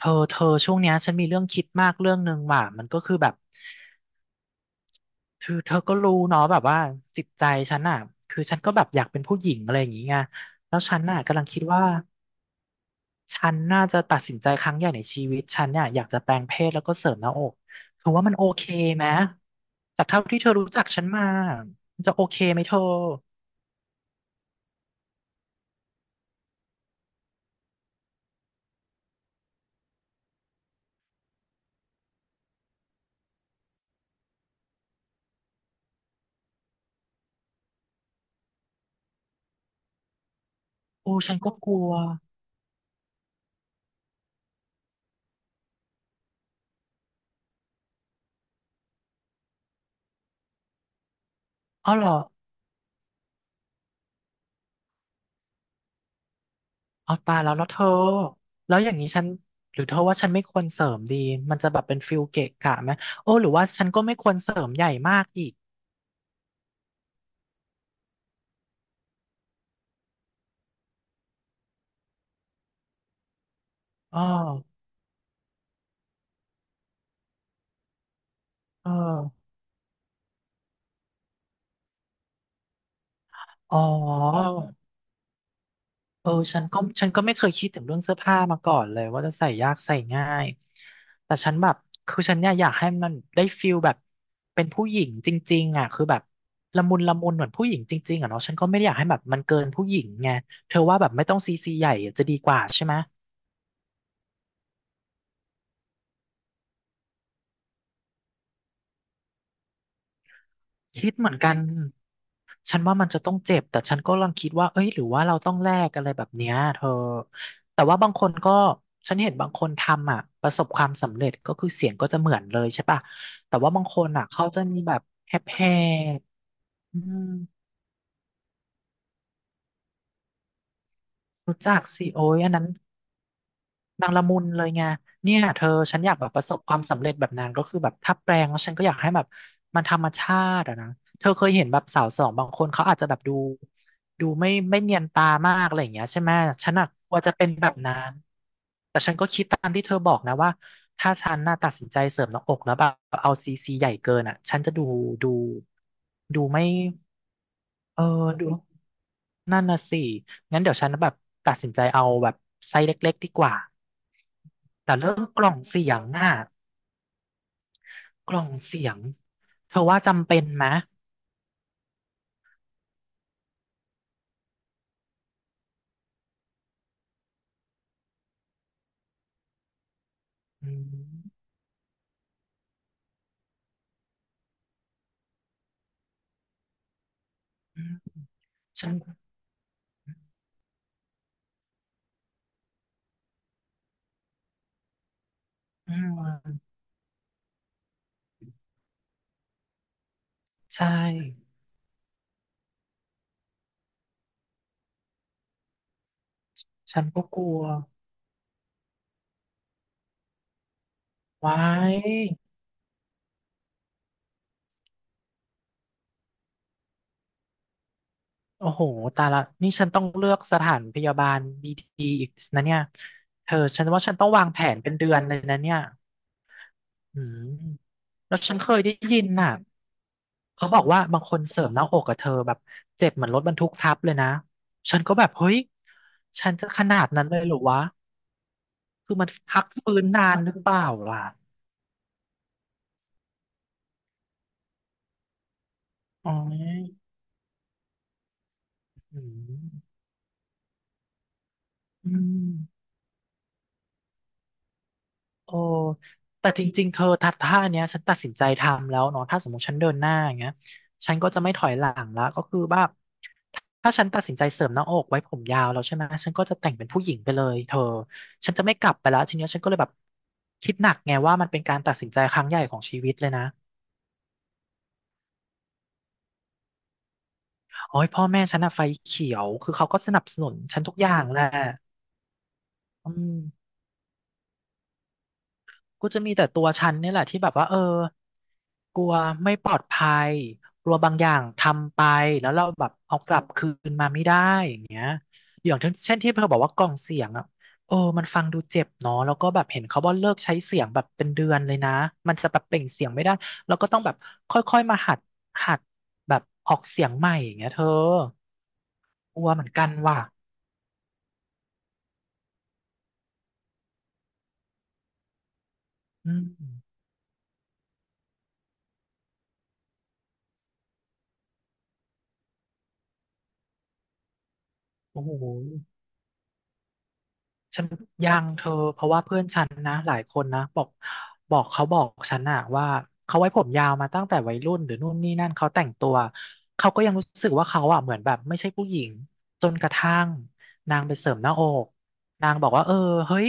เธอช่วงเนี้ยฉันมีเรื่องคิดมากเรื่องหนึ่งว่ะมันก็คือแบบเธอก็รู้เนาะแบบว่าจิตใจฉันอ่ะคือฉันก็แบบอยากเป็นผู้หญิงอะไรอย่างงี้ไงแล้วฉันน่ะกำลังคิดว่าฉันน่าจะตัดสินใจครั้งใหญ่ในชีวิตฉันเนี่ยอยากจะแปลงเพศแล้วก็เสริมหน้าอกเธอว่ามันโอเคไหมจากเท่าที่เธอรู้จักฉันมามันจะโอเคไหมเธอโอ้ฉันก็กลัวอ๋อเหรอ เอาตายแล้วแล้วเธอแล้วอย่างนี้ฉันหรือเธอว่าฉันไม่ควรเสริมดี มันจะแบบเป็นฟิลเกะกะไหมโอ้หรือว่าฉันก็ไม่ควรเสริมใหญ่มากอีกอ๋อเอออ๋อเออฉันก็ไม่เคยคิดถึงเรื่องเสื้อผ้ามาก่อนเลยว่าจะใส่ยากใส่ง่าย แต่ฉันแบบคือฉันเนี่ยอยากให้มันได้ฟิลแบบเป็นผู้หญิงจริงๆอ่ะคือแบบละมุนละมุนเหมือนผู้หญิงจริงๆอ่ะเนาะฉันก็ไม่ได้อยากให้แบบมันเกินผู้หญิงไงเธอว่าแบบไม่ต้องซีซีใหญ่จะดีกว่าใช่ไหม คิดเหมือนกัน ฉันว่ามันจะต้องเจ็บ แต่ฉันก็กำลังคิดว่าเอ้ยหรือว่าเราต้องแลกอะไรแบบเนี้ยเธอแต่ว่าบางคนก็ฉันเห็นบางคนทำอ่ะประสบความสำเร็จก็คือเสียงก็จะเหมือนเลยใช่ป่ะแต่ว่าบางคนอ่ะเขาจะมีแบบแฮปแฮอืมรู้จักสิโอ้ยอันนั้น นางละมุนเลยไงเนี่ยเธอฉันอยากแบบประสบความสำเร็จแบบนางก็คือแบบถ้าแปลงแล้วฉันก็อยากให้แบบมันธรรมชาติอะนะเธอเคยเห็นแบบสาวสองบางคนเขาอาจจะแบบดูไม่เนียนตามากอะไรอย่างเงี้ยใช่ไหมฉันอะกลัวจะเป็นแบบนั้นแต่ฉันก็คิดตามที่เธอบอกนะว่าถ้าฉันน่ะตัดสินใจเสริมหน้าอกแล้วแบบเอาซีซีใหญ่เกินอะฉันจะดูดูดูไม่เออดู นั่นน่ะสิ งั้นเดี๋ยวฉันแบบตัดสินใจเอาแบบไซส์เล็กๆดีกว่า แต่เรื่องกล่องเสียงอ่ะกล่องเสียง เธอว่าจำเป็นไหมอืมอืมฉันอืมใช่ ฉันก็กลัว ไว้ โอ้โหตายละ นี่ฉันต้องเลือกสถานพยาบาลดีๆอีกนะเนี่ย เธอฉันว่าฉันต้องวางแผนเป็นเดือนเลยนะเนี่ยอืมแล้วฉันเคยได้ยินน่ะ เขาบอกว่าบางคนเสริมหน้าอกกับเธอแบบเจ็บเหมือนรถบรรทุกทับเลยนะ ฉันก็แบบเฮ้ย ฉันจะขนาดนั้นเลยเหรอวะ คือมันพักฟื้นนานหรือเปล่าล่ะอ๋ออืมอืม โอ้แต่จริงๆ เธอทัดท่าเนี้ยฉันตัดสินใจทำแล้วเนาะถ้าสมมติฉันเดินหน้าอย่างเงี้ยฉันก็จะไม่ถอยหลังละก็คือว่าถ้าฉันตัดสินใจเสริมหน้าอกไว้ผมยาวแล้วใช่ไหมฉันก็จะแต่งเป็นผู้หญิงไปเลยเธอฉันจะไม่กลับไปแล้วทีเนี้ยฉันก็เลยแบบคิดหนักไงว่ามันเป็นการตัดสินใจครั้งใหญ่ของชีวิตเลยนะโอ้ยพ่อแม่ฉันอะไฟเขียวคือเขาก็สนับสนุนฉันทุกอย่างแหละอืม กูจะมีแต่ตัวฉันเนี่ยแหละที่แบบว่าเออกลัวไม่ปลอดภัยกลัวบางอย่างทำไปแล้วเราแบบเอากลับคืนมาไม่ได้อย่างเงี้ยอย่างเช่นที่เธอบอกว่ากล่องเสียงอ่ะเออมันฟังดูเจ็บเนาะแล้วก็แบบเห็นเขาว่าเลิกใช้เสียงแบบเป็นเดือนเลยนะมันจะแบบเปล่งเสียงไม่ได้แล้วก็ต้องแบบค่อยๆมาหัดแบบออกเสียงใหม่อย่างเงี้ยเธอกลัวเหมือนกันว่ะอืมโอ้โห ฉันยังเธอเพราะว่าเพื่อนฉันนะหลายคนนะบอกเขาบอกฉันอะว่าเขาไว้ผมยาวมาตั้งแต่วัยรุ่นหรือนู่นนี่นั่นเขาแต่งตัวเขาก็ยังรู้สึกว่าเขาอะเหมือนแบบไม่ใช่ผู้หญิงจนกระทั่งนางไปเสริมหน้าอกนางบอกว่าเออเฮ้ย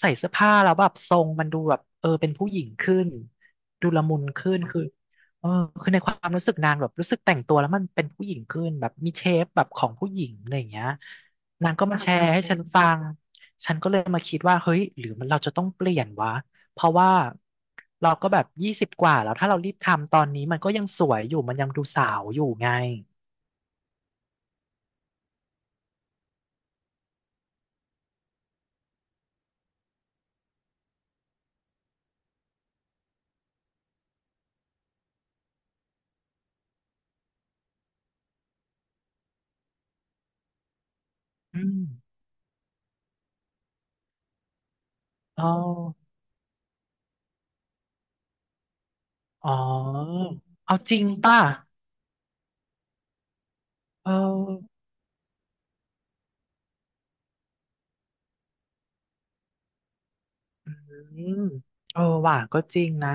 ใส่เสื้อผ้าแล้วแบบทรงมันดูแบบเออเป็นผู้หญิงขึ้นดูละมุนขึ้นคือเออคือในความรู้สึกนางแบบรู้สึกแต่งตัวแล้วมันเป็นผู้หญิงขึ้นแบบมีเชฟแบบของผู้หญิงอะไรอย่างเงี้ยนางก็มาแชร์ให้ฉันฟัง ฉันก็เลยมาคิดว่าเฮ้ยหรือมันเราจะต้องเปลี่ยนวะเพราะว่าเราก็แบบ20กว่าแล้วถ้าเรารีบทำตอนนี้มันก็ยังสวยอยู่มันยังดูสาวอยู่ไงอืมอ๋ออ๋อเอาจริงป่ะเอออืมเออว่ะก็จริงนะ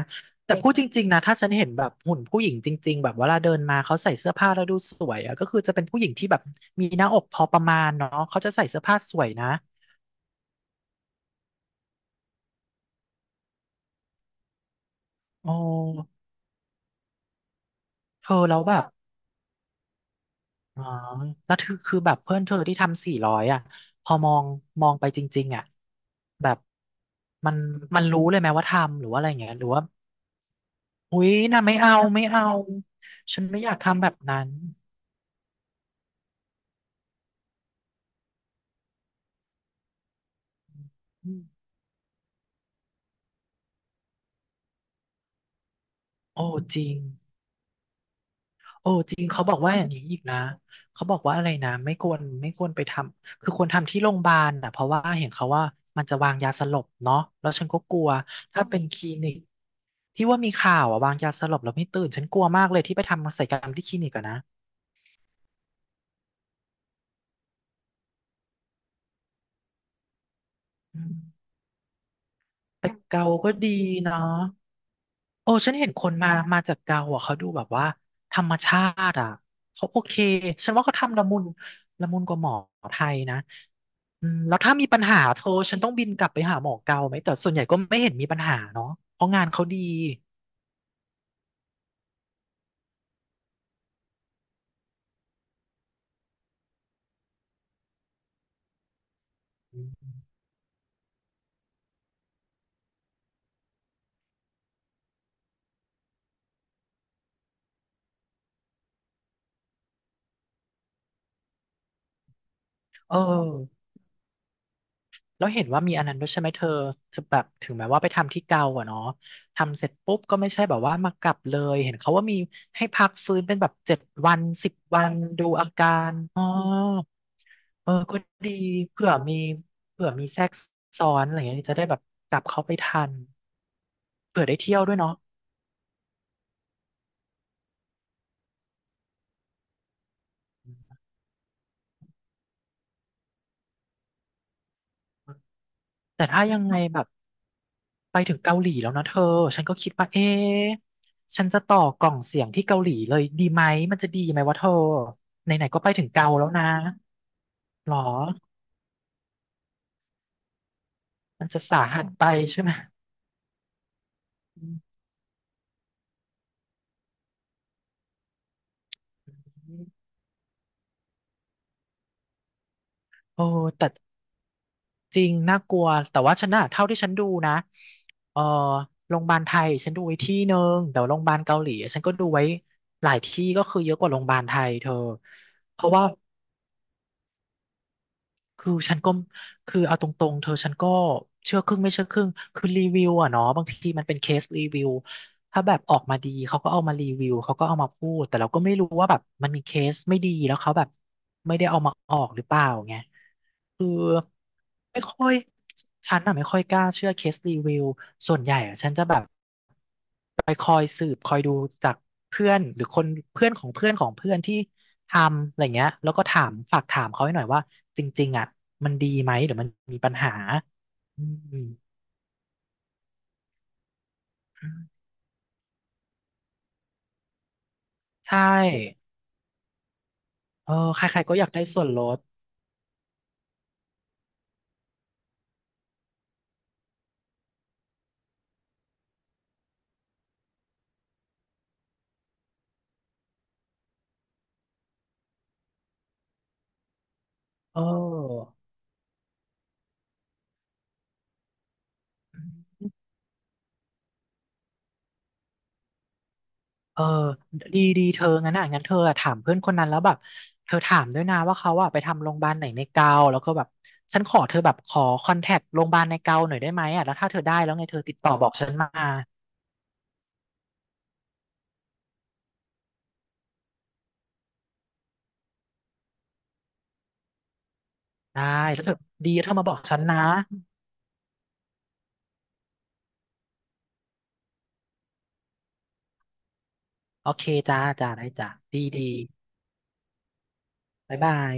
แต่พูดจริงๆนะถ้าฉันเห็นแบบหุ่นผู้หญิงจริงๆแบบเวลาเดินมาเขาใส่เสื้อผ้าแล้วดูสวยอะก็คือจะเป็นผู้หญิงที่แบบมีหน้าอกพอประมาณเนาะเขาจะใส่เสื้อผ้าสวยนะโอ้เธอแล้วแบบ อ๋อแล้วคือแบบเพื่อนเธอที่ทำ400อ่ะพอมองไปจริงๆอ่ะแบบมันมันรู้เลยไหมว่าทำหรือว่าอะไรอย่างเงี้ยหรือว่าอุ๊ยน่ะไม่เอาฉันไม่อยากทำแบบนั้นอืมโอ้จริง โอ้จริงเขาบอกว่าอย่างนี้อีกนะเขาบอกว่าอะไรนะไม่ควรไปทำคือควรทำที่โรงพยาบาลอ่ะเพราะว่าเห็นเขาว่ามันจะวางยาสลบเนาะแล้วฉันก็กลัวถ้าเป็นคลินิกที่ว่ามีข่าวอะวางยาสลบแล้วไม่ตื่นฉันกลัวมากเลยที่ไปทำศัลยกรรมที่คลินิกอะนะอืมไป่เกาก็ดีเนาะ โอ้ฉันเห็นคนมา มาจากเกาอ่ะเขาดูแบบว่าธรรมชาติอ่ะเขาโอเคฉันว่าเขาทำละมุนกว่าหมอไทยนะอืมแล้วถ้ามีปัญหาโทรฉันต้องบินกลับไปหาหมอเกาไหมแต่ส่วนใหญ่ก็ไม่เห็นมีปัญหาเนาะเพราะงานเขาดีเออแล้วเห็นว่ามีอันนั้นด้วยใช่ไหมเธอเธอแบบถึงแม้ว่าไปทำที่เกาอ่ะเนาะทำเสร็จปุ๊บก็ไม่ใช่แบบว่ามากลับเลยเห็นเขาว่ามีให้พักฟื้นเป็นแบบ7 วัน10 วันดูอาการอ๋อ เออก็ดีเผื่อมีเผื่อมีแทรกซ้อนอะไรอย่างเงี้ยจะได้แบบกลับเข้าไปทันเผื่อได้เที่ยวด้วยเนาะแต่ถ้ายังไงแบบไปถึงเกาหลีแล้วนะเธอฉันก็คิดว่าเอ๊ะฉันจะต่อกล่องเสียงที่เกาหลีเลยดีไหมมันจะดีไหมวะเธอไหนๆก็ไปถึงเกาแล้วนะหรอมันจะสาหัสไปใช่ไหมอืมโอ้แต่ จริงน่ากลัวแต่ว่าฉันน่ะเท่าที่ฉันดูนะเออโรงพยาบาลไทยฉันดูไว้ที่หนึ่งแต่ว่าโรงพยาบาลเกาหลีฉันก็ดูไว้หลายที่ก็คือเยอะกว่าโรงพยาบาลไทยเธอเพราะว่า คือฉันก็คือเอาตรงๆเธอฉันก็เชื่อครึ่งไม่เชื่อครึ่งคือรีวิวอะเนาะบางทีมันเป็นเคสรีวิวถ้าแบบออกมาดีเขาก็เอามารีวิวเขาก็เอามาพูดแต่เราก็ไม่รู้ว่าแบบมันมีเคสไม่ดีแล้วเขาแบบไม่ได้เอามาออกหรือเปล่าไงคือไม่ค่อยฉันอะไม่ค่อยกล้าเชื่อเคสรีวิวส่วนใหญ่อะฉันจะแบบ คอยสืบคอยดูจากเพื่อนหรือคนเพื่อนของเพื่อนของเพื่อนที่ทำอะไรเงี้ยแล้วก็ถามฝากถามเขาให้หน่อยว่าจริงๆอ่ะมันดีไหมหรือมันมีปัญหาอืมใช่เออใครๆก็อยากได้ส่วนลดเออเออดีเธองั้นอ่ะงั้นเธออะถามเพื่อนคนนั้นแล้วแบบเธอถามด้วยนะว่าเขาอ่ะไปทำโรงพยาบาลไหนในเกาแล้วก็แบบฉันขอเธอแบบขอคอนแทคโรงพยาบาลในเกาหน่อยได้ไหมอ่ะแล้วถ้าเธอได้แล้วไงเธอติดต่อบอกฉันมา ได้แล้วเธอดีแล้วเธอมาบอกฉันนะโอเคจ้าจ้าได้จ้าดีบ๊ายบาย